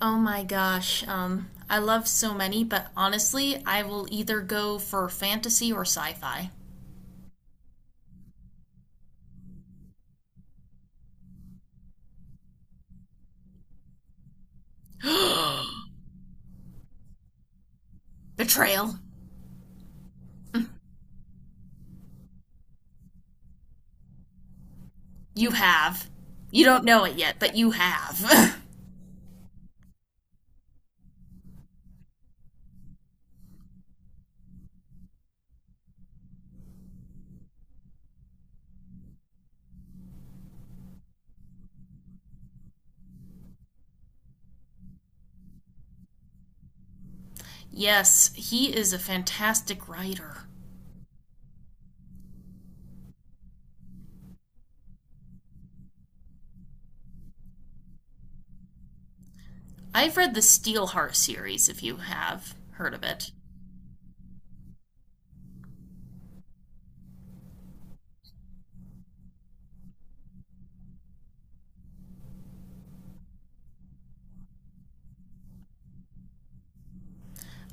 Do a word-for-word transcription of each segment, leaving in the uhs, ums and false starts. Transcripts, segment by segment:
Oh my gosh. Um, I love so many, but honestly, I will either go for fantasy or sci fi. Betrayal. You have. You don't know it yet, but you have. Yes, he is a fantastic writer. I've read the Steelheart series, if you have heard of it.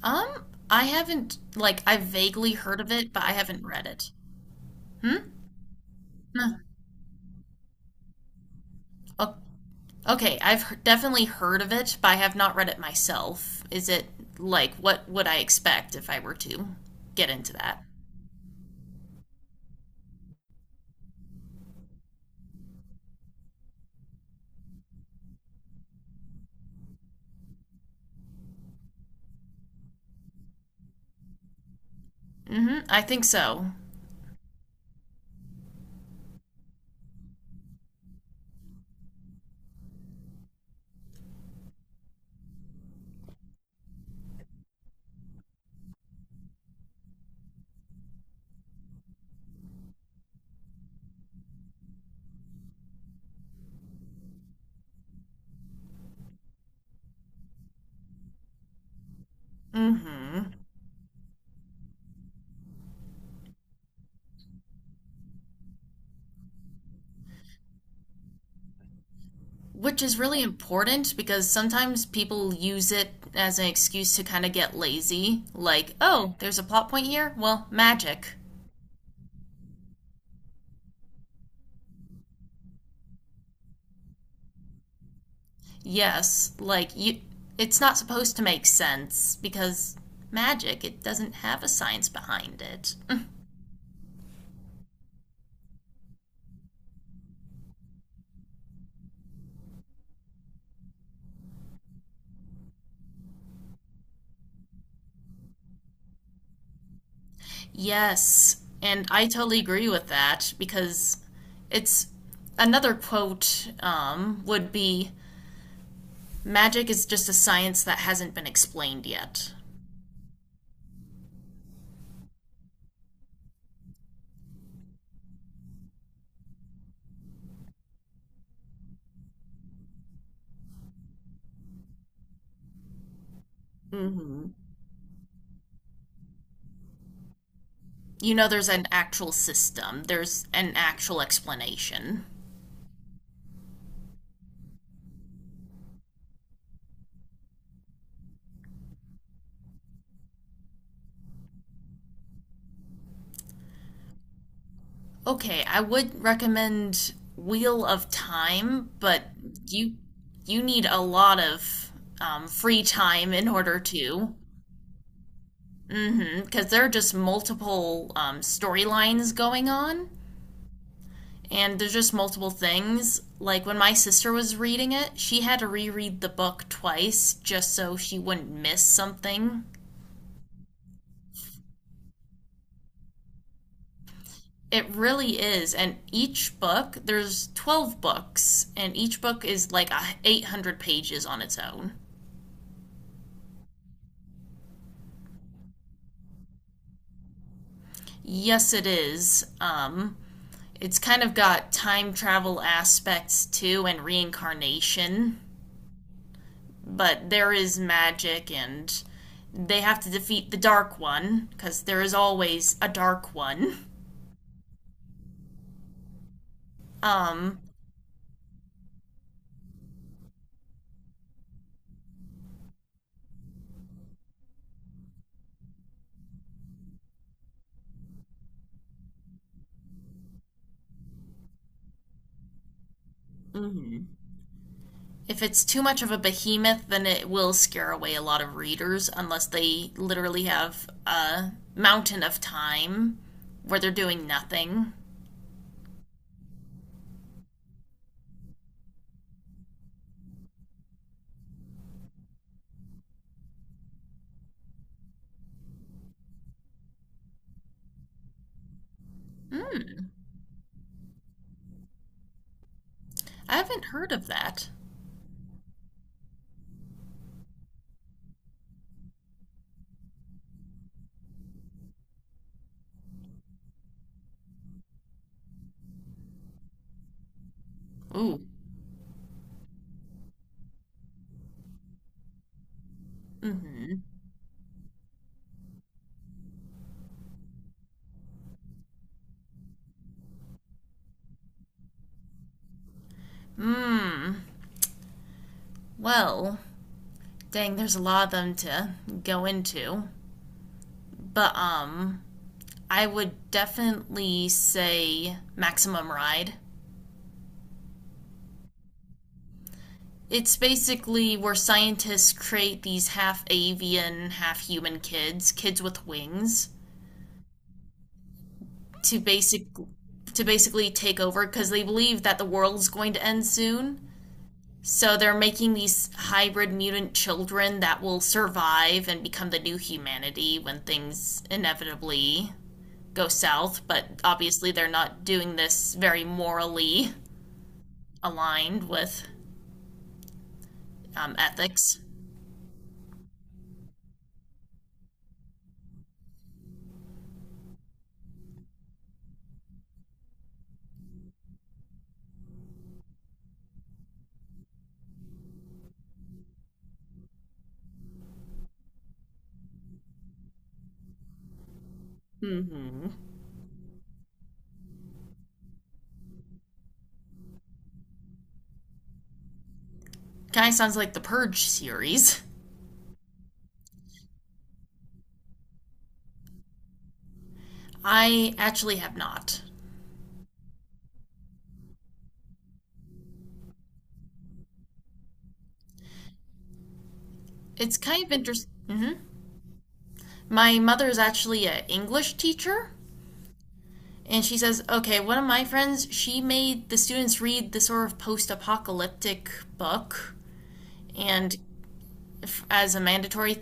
Um, I haven't, like, I've vaguely heard of it, but I haven't read it. Hmm? Huh. I'll Okay, I've definitely heard of it, but I have not read it myself. Is it like what would I expect if I were to get into that? Hmm, I think so. Hmm. Which is really important because sometimes people use it as an excuse to kind of get lazy. Like, oh, there's a plot point here? Well, magic. Yes, like you it's not supposed to make sense because magic, it doesn't have a science behind it. Yes, and I totally agree with that because it's another quote, um, would be magic is just a science that hasn't been explained yet. Hmm You know, there's an actual system, there's an actual explanation. Okay, I would recommend Wheel of Time, but you you need a lot of um, free time in order to. Mm-hmm. Because there are just multiple um, storylines going on, and there's just multiple things. Like when my sister was reading it, she had to reread the book twice just so she wouldn't miss something. It really is, and each book there's twelve books, and each book is like a eight hundred pages on its own. Yes, it is. Um, it's kind of got time travel aspects too, and reincarnation. But there is magic and they have to defeat the dark one because there is always a dark one. Um, hmm if it's too much of a behemoth, then it will scare away a lot of readers unless they literally have a mountain of time where they're doing nothing. I haven't heard of that. Ooh. Hmm Well, dang, there's a lot of them to go into. But, um, I would definitely say Maximum Ride. It's basically where scientists create these half avian, half human kids, kids with wings, to basic to basically take over because they believe that the world's going to end soon. So they're making these hybrid mutant children that will survive and become the new humanity when things inevitably go south, but obviously they're not doing this very morally aligned with um, ethics. Mm-hmm. Kind of sounds like the Purge series. I actually have not. It's kind of interesting. Hmm My mother is actually an English teacher, and she says, okay, one of my friends, she made the students read the sort of post apocalyptic book, and as a mandatory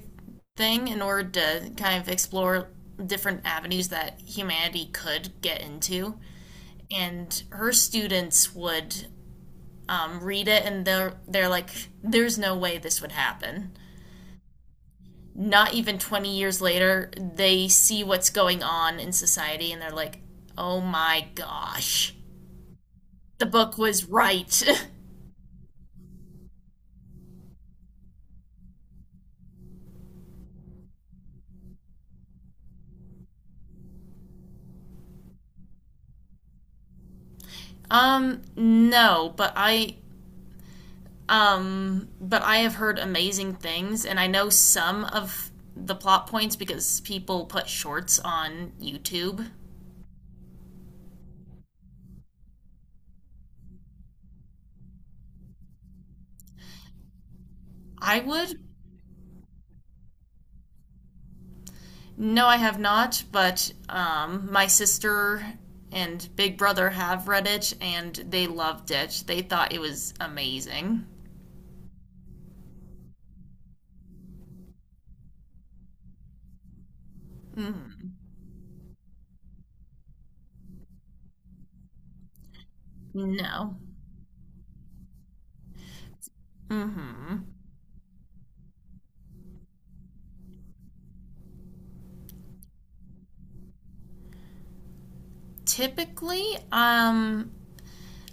thing in order to kind of explore different avenues that humanity could get into. And her students would um, read it and they're they're like, there's no way this would happen. Not even twenty years later, they see what's going on in society and they're like, oh my gosh, the book was right. Um, no, but I um, but I have heard amazing things and I know some of the plot points because people put shorts on YouTube. I would No, I have not, but um, my sister and big brother have read it and they loved it. They thought it was amazing. No. hmm Typically, um,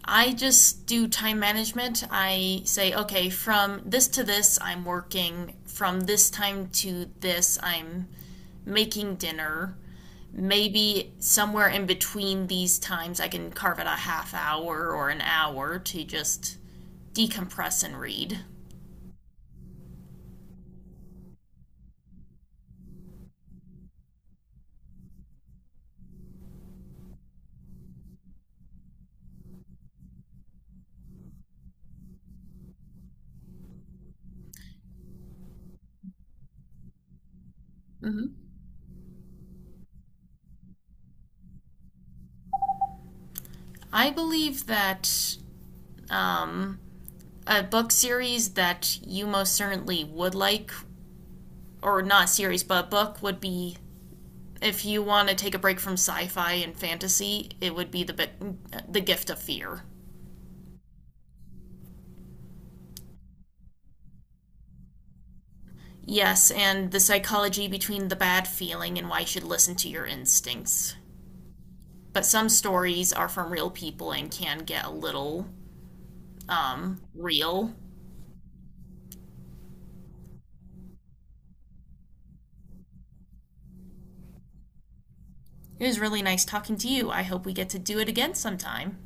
I just do time management. I say, okay, from this to this, I'm working. From this time to this, I'm making dinner. Maybe somewhere in between these times, I can carve out a half hour or an hour to just decompress and read. Mm-hmm. I believe that um, a book series that you most certainly would like, or not series, but a book would be if you want to take a break from sci-fi and fantasy, it would be the the Gift of Fear. Yes, and the psychology between the bad feeling and why you should listen to your instincts. But some stories are from real people and can get a little um, real. It was really nice talking to you. I hope we get to do it again sometime.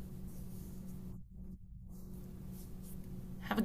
Have a good